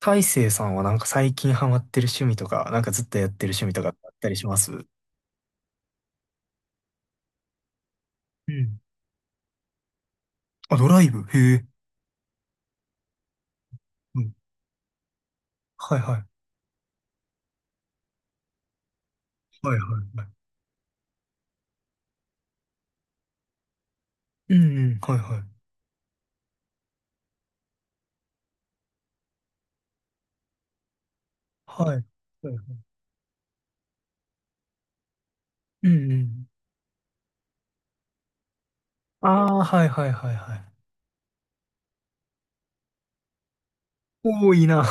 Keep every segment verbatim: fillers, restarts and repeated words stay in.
大成さんはなんか最近ハマってる趣味とか、なんかずっとやってる趣味とかあったりします？うん。あ、ドライブ、へえ。うん。はいはい。はいはいはい。うんうん。はいはい。はい。はいはい。うんうん。ああ、はいはいはいはい。多いいな。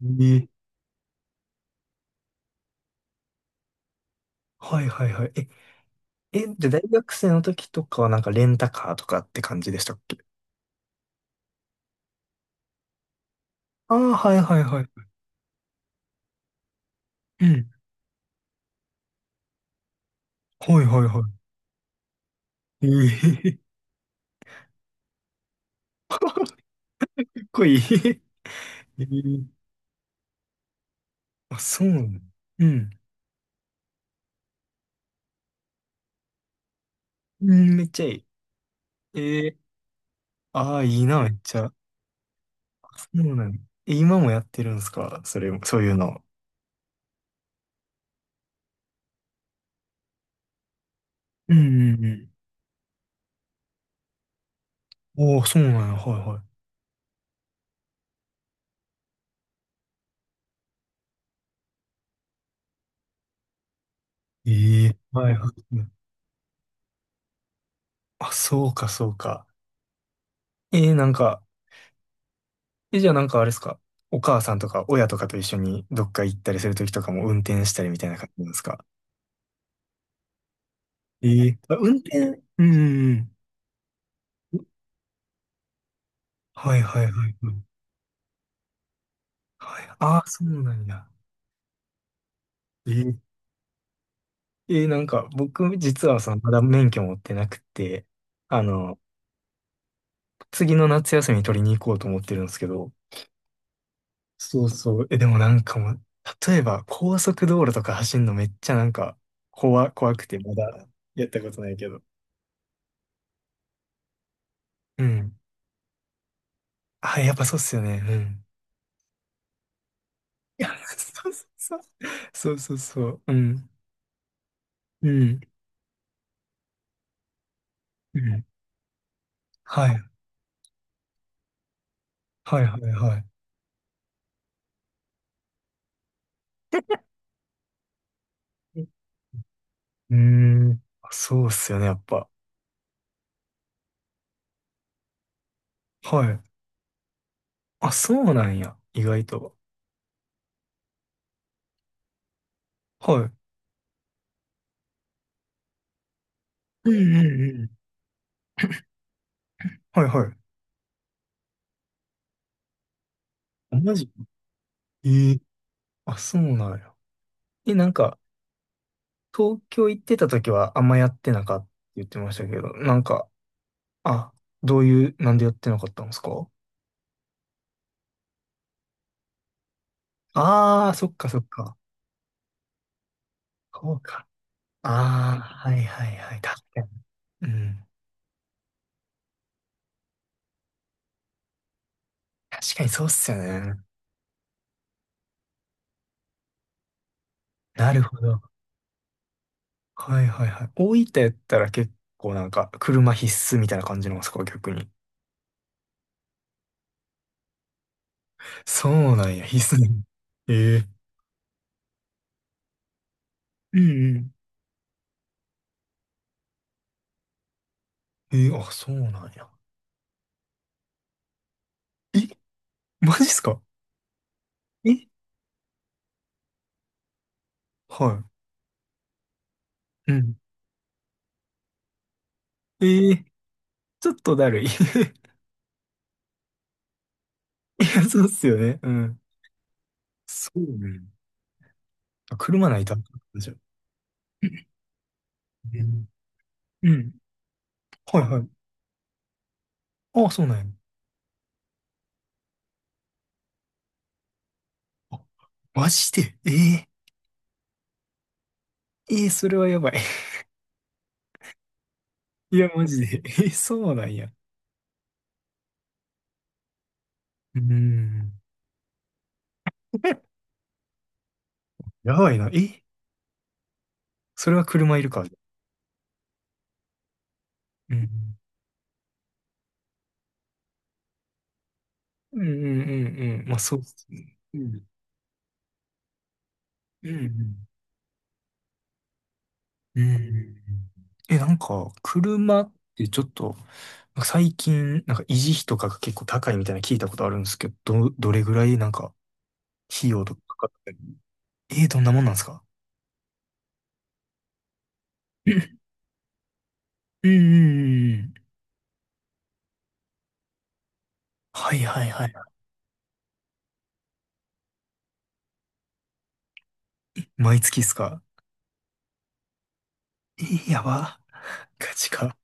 ええ。はいはいはい。え、え、じゃあ大学生の時とかはなんかレンタカーとかって感じでしたっけ？ああー、はいはいはい。うん。はいはいはい。ええ、かっこいい。ええ。あ、そうなの？うん。うん、めっちゃいい。ええ、ああ、いいな、めっちゃ。そうなん、え、今もやってるんですか、それ、そういうの？うんうんうん。おお、そうなんや、はいはい。ええ、はいはい。あ、そうか、そうか。えー、なんか、え、じゃあなんかあれですか、お母さんとか親とかと一緒にどっか行ったりするときとかも運転したりみたいな感じなんですか？ええ、あ、運転、うんうんうん。はいはいはいはい。はい、ああ、そうなんや。えー、えーなんか僕実はそのまだ免許持ってなくて、あの、次の夏休み取りに行こうと思ってるんですけど、そうそう。え、でもなんかもう、例えば高速道路とか走るのめっちゃなんか、怖、怖くてまだやったことないけど。うん。あ、やっぱそうっすよね。うん。いや、そうそうそう。そうそうそう。うん。うん。うん。はい。はいはいはい。うん。うーん、あ、そうっすよね、やっぱ。はい。あ、そうなんや。意外と。はい。うんうんうん。はいはい。あ、マジ？ええ、あ、そうなんや。え、なんか、東京行ってた時はあんまやってなかったって言ってましたけど、なんか、あ、どういう、なんでやってなかったんですか？ああー、そっかそっか。そうか。ああ、はいはいはい。確かに。うん。確かにそうっすよね。なるほど。はいはいはい。大分やったら結構なんか、車必須みたいな感じなんですか、逆に？そうなんや、必須。ええ、うんうん。ええ、あ、そうなんや。え、マジっすか？え、はい。うん。ええ、ちょっとだるい。いや、そうっすよね。うん。そうね。あ、車ないとあかんじゃん。うん。うん。はいはい。ああ、そうなんや。あ、マジで、ええ、ええ、それはやばい。いや、マジで。ええ、そうなんや。うん。やばいな。え、それは車いるか。うん。うんうんうんうん。まあ、そうっすね。うん。うんうんうん。え、なんか、車ってちょっと、最近、なんか維持費とかが結構高いみたいなの聞いたことあるんですけど、ど、どれぐらいなんか、費用とかかかったり？えー、どんなもんなんですか？うんうんうんうん。はいはいはい。毎月っすか？えー、やば。ガチか。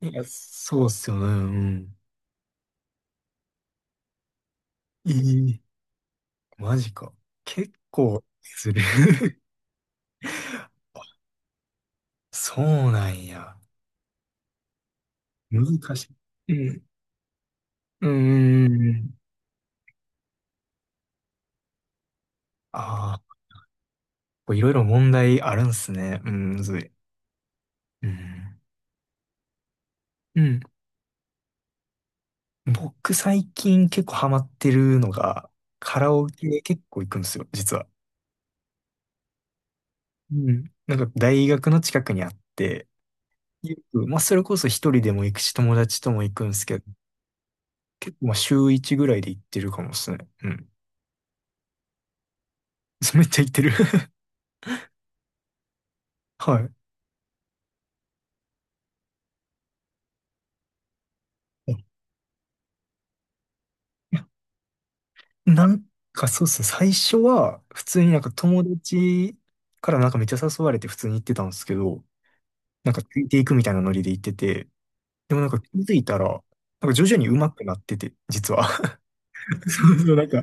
いや、そうっすよね。うん。えー、マジか。結構する。そうなんや。難しい。うん。うんうんうんうん。ああ。こういろいろ問題あるんすね。うん、むずい。うん。うん。僕最近結構ハマってるのが、カラオケ結構行くんですよ、実は。うん。なんか大学の近くにあって、よく、まあそれこそ一人でも行くし、友達とも行くんですけど、結構まあ週一ぐらいで行ってるかもですね。うん。そうめっちゃ行ってる。 はい。いや、なんかそうっすね。最初は普通になんか友達からなんかめっちゃ誘われて普通に行ってたんですけど、なんかついていくみたいなノリで行ってて、でもなんか気づいたら、なんか徐々に上手くなってて、実は。そうそう、なんか、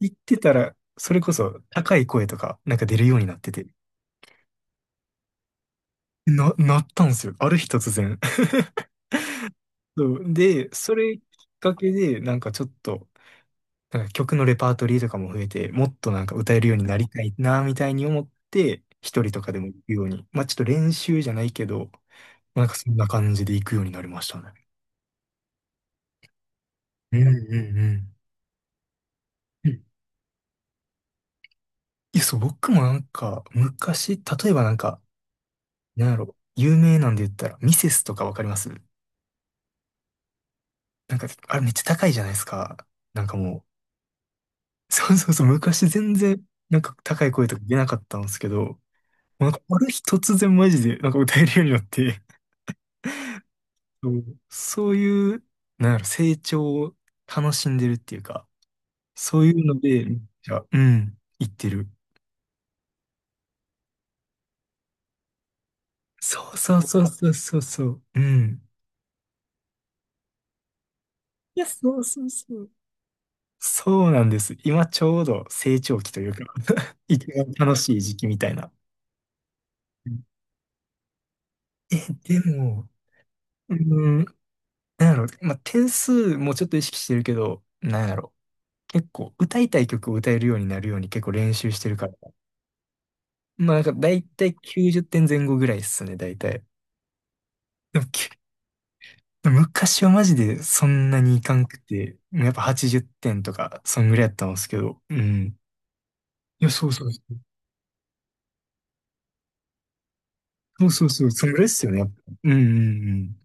行ってたら、それこそ高い声とか、なんか出るようになってて、な、なったんですよ。ある日突然。そう、で、それきっかけで、なんかちょっと、なんか曲のレパートリーとかも増えて、もっとなんか歌えるようになりたいな、みたいに思って、一人とかでも行くように。まあちょっと練習じゃないけど、なんかそんな感じで行くようになりましたね。うんうんうん。いや、そう、僕もなんか、昔、例えばなんか、なんやろ、有名なんで言ったら、ミセスとかわかります？なんか、あれめっちゃ高いじゃないですか。なんかもう、そうそうそう、昔全然、なんか高い声とか出なかったんですけど、もうなんか、ある日突然マジで、なんか歌えるようになって、そうそういう、なんやろ、成長を楽しんでるっていうか、そういうので、めっちゃ、うん、言ってる。そうそうそうそうそうそう、うん。いや、そうそうそう。そうなんです。今ちょうど成長期というか、 一番楽しい時期みたいな。え、でも、うーん、なんやろ、まあ、点数もちょっと意識してるけど、なんやろ、結構歌いたい曲を歌えるようになるように結構練習してるから。まあなんか大体きゅうじゅってん後ぐらいっすね、大体。でもき昔はマジでそんなにいかんくて、やっぱはちじってんとか、そんぐらいやったんですけど、うん。いや、そうそうそう。そうそうそう、そんぐらいっすよね、やっぱ。うんうんうん。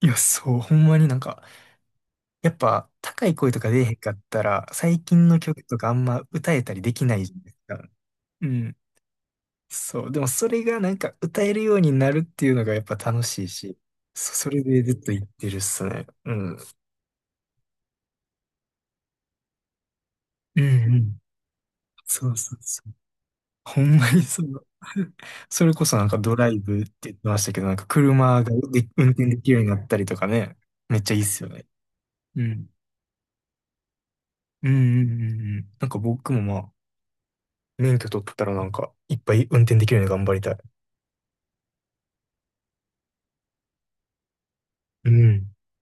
いや、そう、ほんまになんか、やっぱ高い声とか出えへんかったら、最近の曲とかあんま歌えたりできないじゃないですか。うん。そう。でもそれがなんか歌えるようになるっていうのがやっぱ楽しいし、そ、それでずっと言ってるっすね。うん。うんうん。そうそうそう。ほんまにそう。それこそなんかドライブって言ってましたけど、なんか車がで運転できるようになったりとかね、めっちゃいいっすよね。うん。うんうんうんうん。なんか僕もまあ、免許取ったらなんか、いっぱい運転できるように頑張りたい。うん。